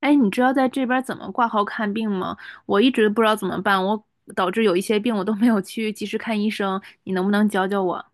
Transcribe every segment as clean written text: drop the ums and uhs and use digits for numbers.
哎，你知道在这边怎么挂号看病吗？我一直不知道怎么办，导致有一些病我都没有去及时看医生，你能不能教教我？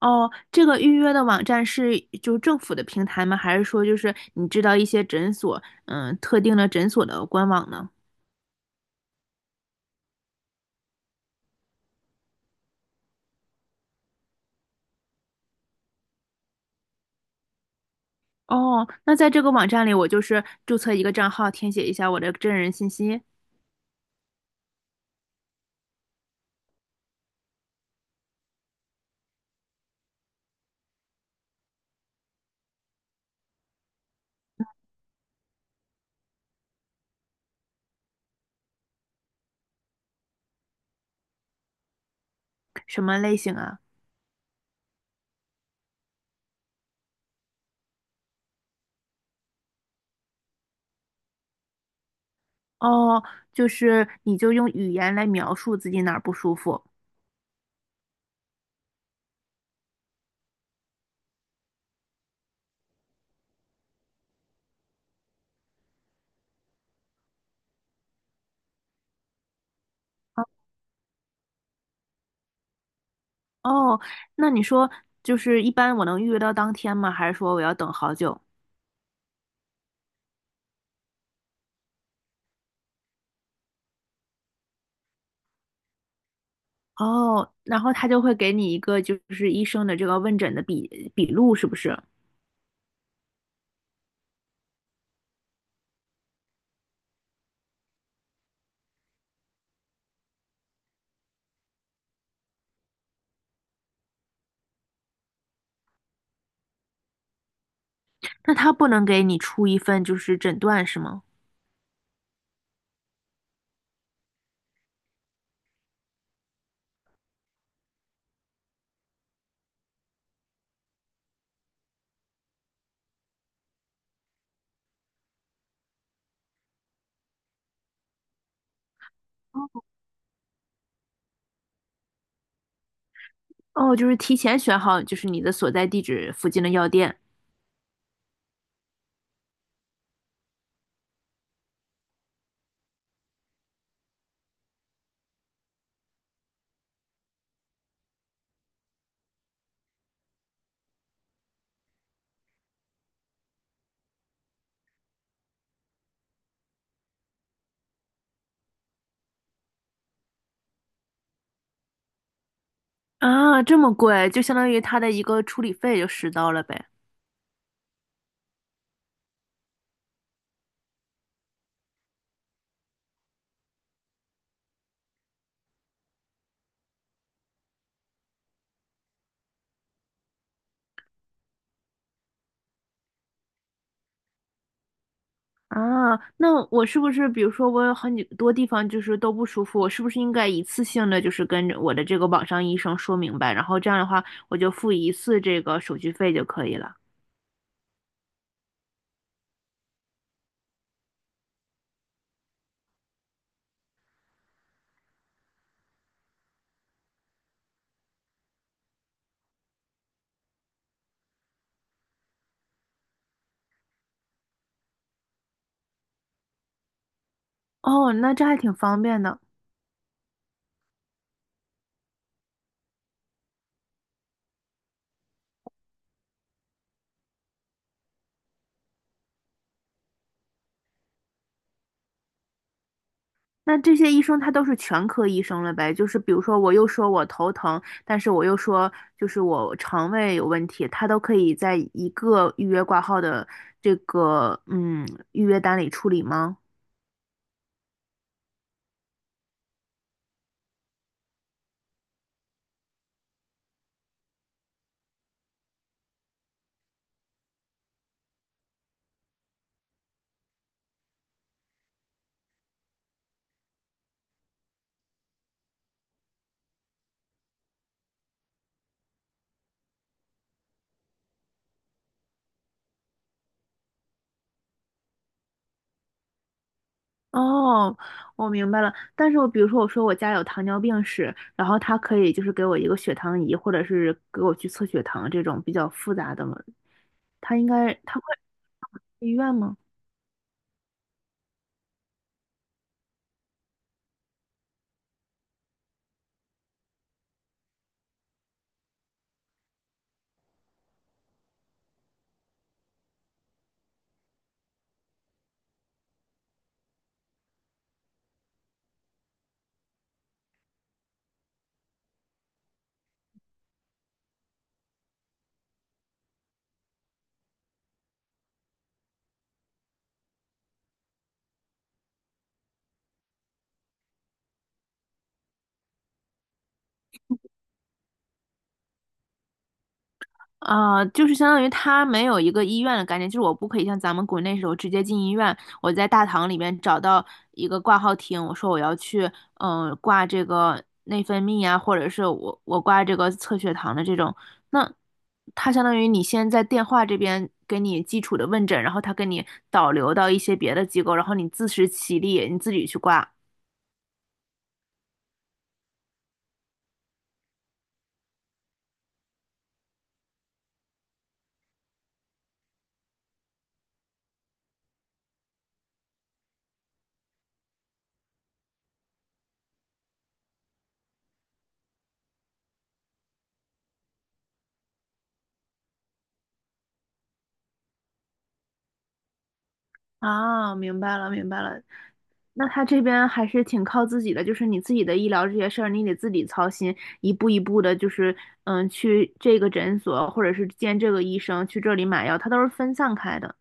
哦，这个预约的网站是就政府的平台吗？还是说就是你知道一些诊所，嗯，特定的诊所的官网呢？哦，那在这个网站里，我就是注册一个账号，填写一下我的真人信息，什么类型啊？哦，就是你就用语言来描述自己哪儿不舒服。哦，那你说就是一般我能预约到当天吗？还是说我要等好久？哦，然后他就会给你一个就是医生的这个问诊的笔录，是不是？那他不能给你出一份就是诊断是吗？哦，就是提前选好就是你的所在地址附近的药店。啊，这么贵，就相当于他的一个处理费就10刀了呗。啊，那我是不是，比如说我有很多地方就是都不舒服，我是不是应该一次性的就是跟着我的这个网上医生说明白，然后这样的话我就付一次这个手续费就可以了？哦，那这还挺方便的。那这些医生他都是全科医生了呗？就是比如说我又说我头疼，但是我又说就是我肠胃有问题，他都可以在一个预约挂号的这个预约单里处理吗？哦，我明白了。但是我比如说，我说我家有糖尿病史，然后他可以就是给我一个血糖仪，或者是给我去测血糖这种比较复杂的嘛。他应该他会去医院吗？啊，就是相当于他没有一个医院的概念，就是我不可以像咱们国内时候直接进医院，我在大堂里面找到一个挂号厅，我说我要去，挂这个内分泌啊，或者是我挂这个测血糖的这种，那他相当于你先在电话这边给你基础的问诊，然后他给你导流到一些别的机构，然后你自食其力，你自己去挂。啊，明白了，明白了，那他这边还是挺靠自己的，就是你自己的医疗这些事儿，你得自己操心，一步一步的，就是嗯，去这个诊所或者是见这个医生，去这里买药，他都是分散开的。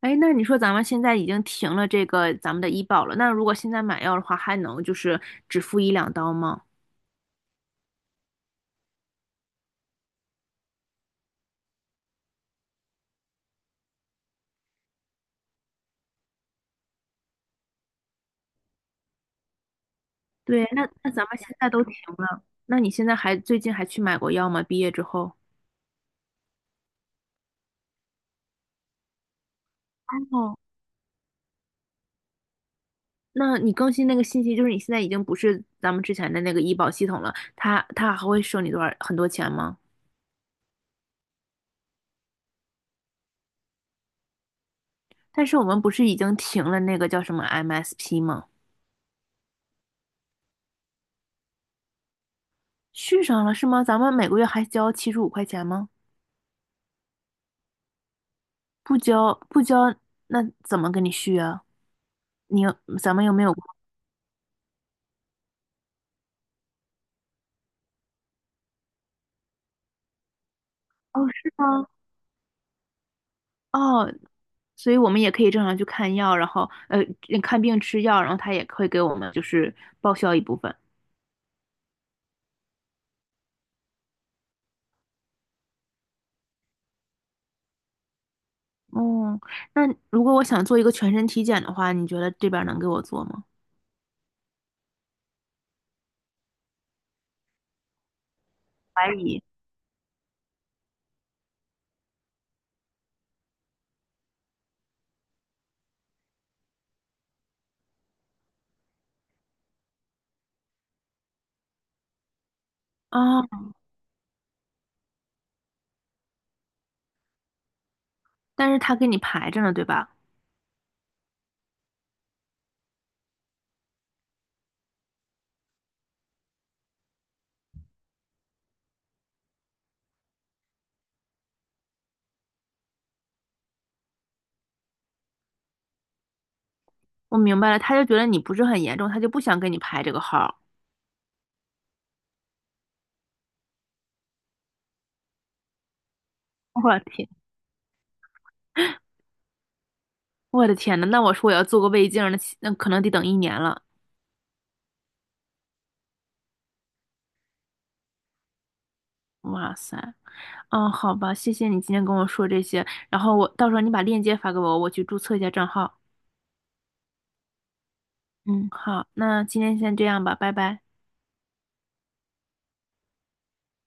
哎，那你说咱们现在已经停了这个咱们的医保了，那如果现在买药的话，还能就是只付一两刀吗？对，那咱们现在都停了，那你现在还最近还去买过药吗？毕业之后？哦。那你更新那个信息，就是你现在已经不是咱们之前的那个医保系统了，他还会收你多少很多钱吗？但是我们不是已经停了那个叫什么 MSP 吗？续上了是吗？咱们每个月还交75块钱吗？不交不交，那怎么给你续啊？你有咱们又没有？哦，是吗？哦，所以我们也可以正常去看药，然后看病吃药，然后他也会给我们就是报销一部分。哦，那如果我想做一个全身体检的话，你觉得这边儿能给我做吗？怀疑。啊，但是他给你排着呢，对吧？我明白了，他就觉得你不是很严重，他就不想给你排这个号儿。我的天，我的天呐，那我说我要做个胃镜儿那可能得等一年了。哇塞，哦，好吧，谢谢你今天跟我说这些，然后我到时候你把链接发给我，我去注册一下账号。嗯，好，那今天先这样吧，拜拜。